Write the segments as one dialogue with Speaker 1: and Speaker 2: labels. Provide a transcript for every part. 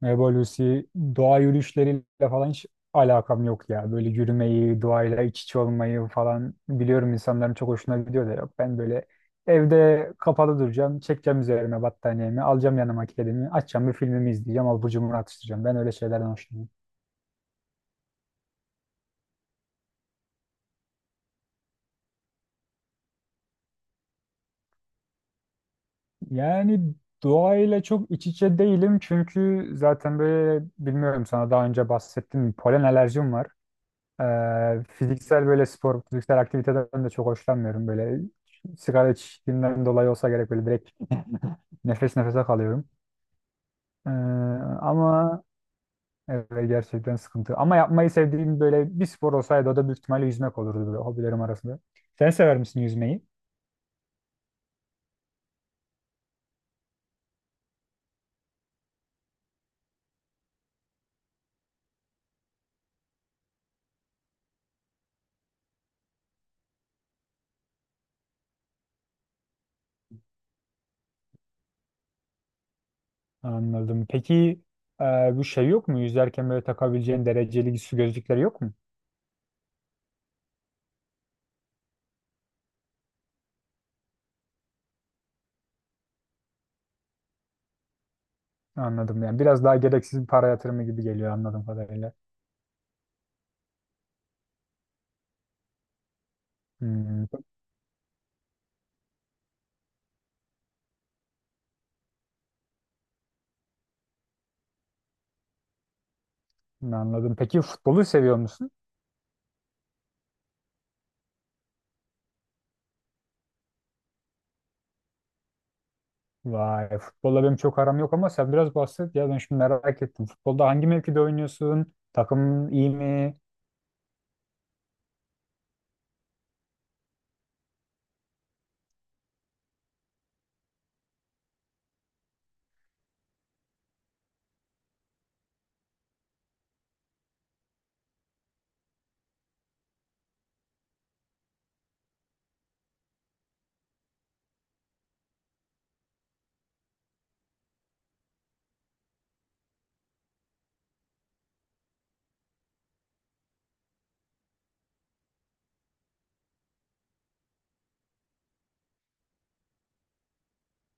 Speaker 1: Merhaba Lucy. Doğa yürüyüşleriyle falan hiç alakam yok ya. Böyle yürümeyi, doğayla iç içe olmayı falan biliyorum insanların çok hoşuna gidiyor da yok. Ben böyle evde kapalı duracağım, çekeceğim üzerime battaniyemi, alacağım yanıma kedimi, açacağım bir filmimi izleyeceğim, abur cubur atıştıracağım. Ben öyle şeylerden hoşlanıyorum. Yani doğayla çok iç içe değilim çünkü zaten böyle bilmiyorum sana daha önce bahsettim polen alerjim var. Fiziksel böyle spor, fiziksel aktiviteden de çok hoşlanmıyorum. Böyle sigara içtiğimden dolayı olsa gerek böyle direkt nefes nefese kalıyorum. Ee, Ama evet, gerçekten sıkıntı. Ama yapmayı sevdiğim böyle bir spor olsaydı o da büyük ihtimalle yüzmek olurdu böyle hobilerim arasında. Sen sever misin yüzmeyi? Anladım. Peki e, bu şey yok mu? Yüzerken böyle takabileceğin dereceli su gözlükleri yok mu? Anladım yani. Biraz daha gereksiz bir para yatırımı gibi geliyor anladığım kadarıyla. Hmm, Anladım. Peki futbolu seviyor musun? Vay, futbolla benim çok aram yok ama sen biraz bahset ya ben şimdi merak ettim. Futbolda hangi mevkide oynuyorsun? Takımın iyi mi?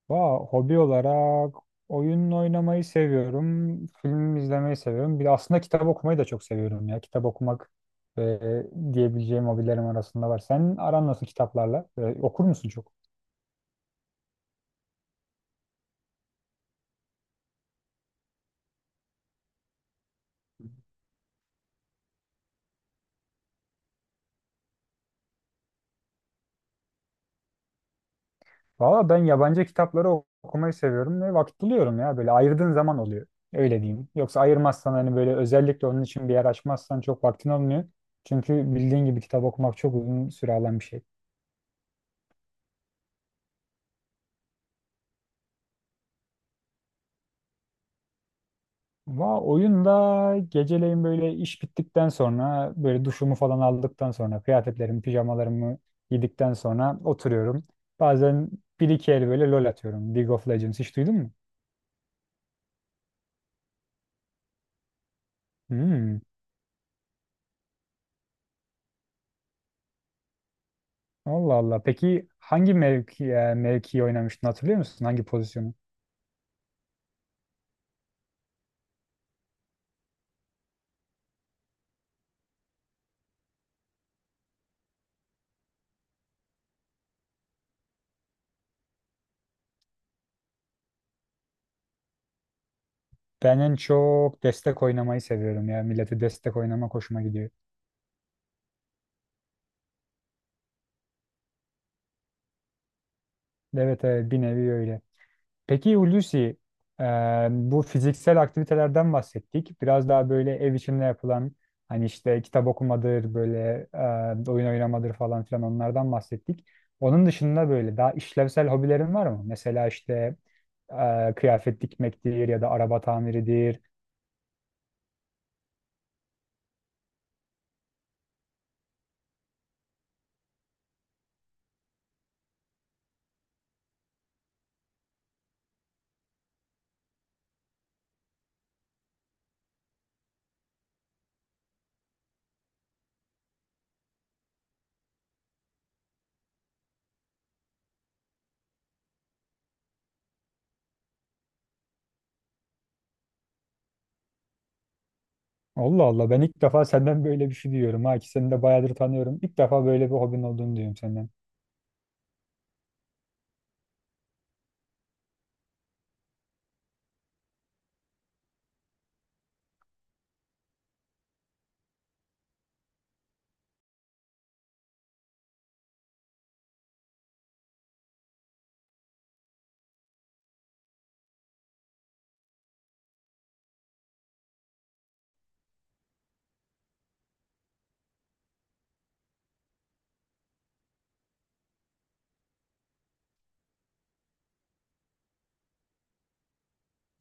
Speaker 1: Vay, hobi olarak oyun oynamayı seviyorum, film izlemeyi seviyorum. Bir de aslında kitap okumayı da çok seviyorum ya. Kitap okumak e, diyebileceğim hobilerim arasında var. Senin aran nasıl kitaplarla? Okur musun çok? Valla ben yabancı kitapları okumayı seviyorum ve vakit buluyorum ya. Böyle ayırdığın zaman oluyor. Öyle diyeyim. Yoksa ayırmazsan hani böyle özellikle onun için bir yer açmazsan çok vaktin olmuyor. Çünkü bildiğin gibi kitap okumak çok uzun süre alan bir şey. Oyunda geceleyin böyle iş bittikten sonra böyle duşumu falan aldıktan sonra kıyafetlerimi pijamalarımı giydikten sonra oturuyorum. Bazen bir iki el böyle LOL atıyorum. League of Legends hiç duydun mu? Hmm. Allah Allah. Peki hangi mevkiyi oynamıştın hatırlıyor musun? Hangi pozisyonu? Ben en çok destek oynamayı seviyorum ya. Millete destek oynamak hoşuma gidiyor. Evet evet bir nevi öyle. Peki Hulusi, e, bu fiziksel aktivitelerden bahsettik. Biraz daha böyle ev içinde yapılan hani işte kitap okumadır böyle oyun oynamadır falan filan onlardan bahsettik. Onun dışında böyle daha işlevsel hobilerin var mı? Mesela işte kıyafet dikmektir ya da araba tamiridir. Allah Allah ben ilk defa senden böyle bir şey duyuyorum ha ki seni de bayağıdır tanıyorum. İlk defa böyle bir hobin olduğunu duyuyorum senden.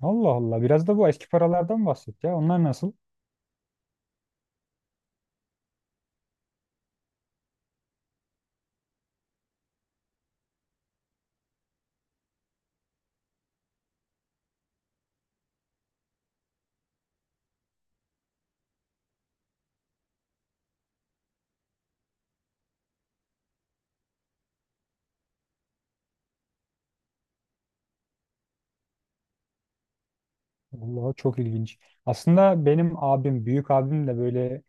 Speaker 1: Allah Allah biraz da bu eski paralardan bahset ya onlar nasıl? Allah çok ilginç. Aslında benim abim büyük abim de böyle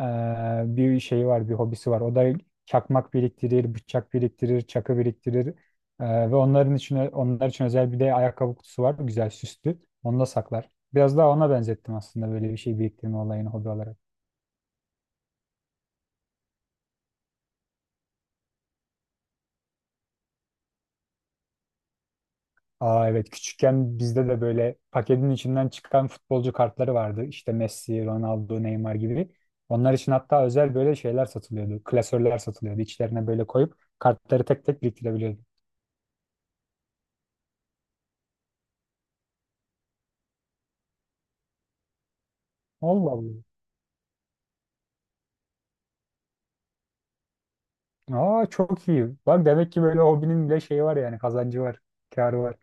Speaker 1: bir şey var bir hobisi var. O da çakmak biriktirir, bıçak biriktirir, çakı biriktirir. Ve onlar için özel bir de ayakkabı kutusu var güzel süslü. Onu da saklar. Biraz daha ona benzettim aslında böyle bir şey biriktirme olayını hobi olarak. Aa evet küçükken bizde de böyle paketin içinden çıkan futbolcu kartları vardı. İşte Messi, Ronaldo, Neymar gibi. Onlar için hatta özel böyle şeyler satılıyordu. Klasörler satılıyordu. İçlerine böyle koyup kartları tek tek biriktirebiliyordun. Allah Allah. Aa çok iyi. Bak demek ki böyle hobinin bile şeyi var yani kazancı var, kârı var.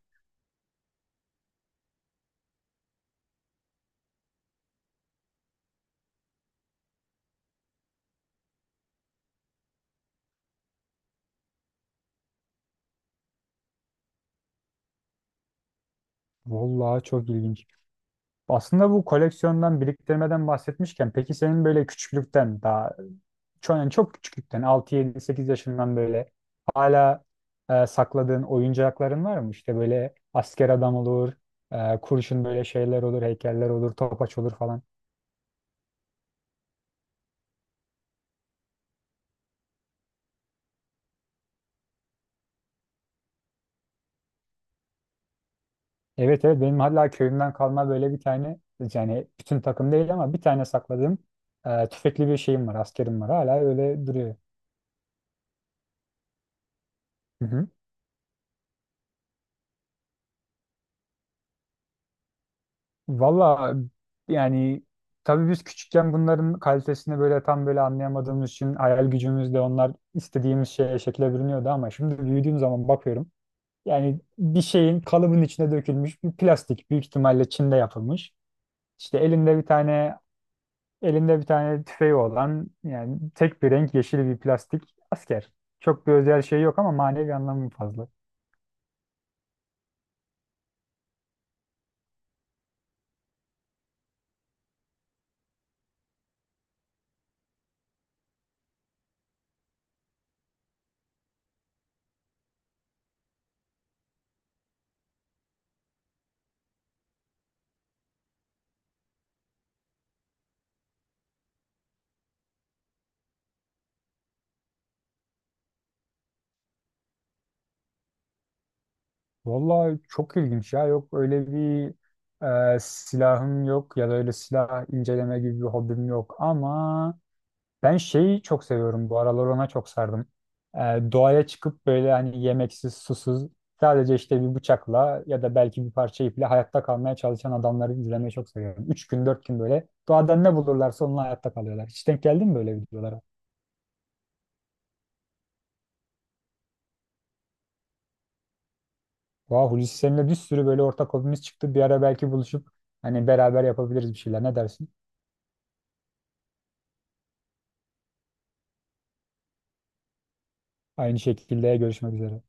Speaker 1: Vallahi çok ilginç. Aslında bu koleksiyondan, biriktirmeden bahsetmişken peki senin böyle küçüklükten daha çok, yani çok küçüklükten 6-7-8 yaşından böyle hala sakladığın oyuncakların var mı? İşte böyle asker adam olur, kurşun böyle şeyler olur, heykeller olur, topaç olur falan. Evet evet benim hala köyümden kalma böyle bir tane yani bütün takım değil ama bir tane sakladığım tüfekli bir şeyim var, askerim var hala öyle duruyor. Valla yani tabii biz küçükken bunların kalitesini böyle tam böyle anlayamadığımız için hayal gücümüzle onlar istediğimiz şeye şekle bürünüyordu ama şimdi büyüdüğüm zaman bakıyorum. Yani bir şeyin kalıbın içine dökülmüş bir plastik büyük ihtimalle Çin'de yapılmış. İşte elinde bir tane tüfeği olan yani tek bir renk yeşil bir plastik asker. Çok bir özel şey yok ama manevi anlamı fazla. Vallahi çok ilginç ya. Yok öyle bir silahım yok ya da öyle silah inceleme gibi bir hobim yok. Ama ben şeyi çok seviyorum. Bu aralar ona çok sardım. E, Doğaya çıkıp böyle hani yemeksiz, susuz sadece işte bir bıçakla ya da belki bir parça iple hayatta kalmaya çalışan adamları izlemeyi çok seviyorum. Üç gün, dört gün böyle doğadan ne bulurlarsa onunla hayatta kalıyorlar. Hiç denk geldin mi böyle videolara? Vah Hulusi seninle bir sürü böyle ortak hobimiz çıktı. Bir ara belki buluşup hani beraber yapabiliriz bir şeyler. Ne dersin? Aynı şekilde görüşmek üzere.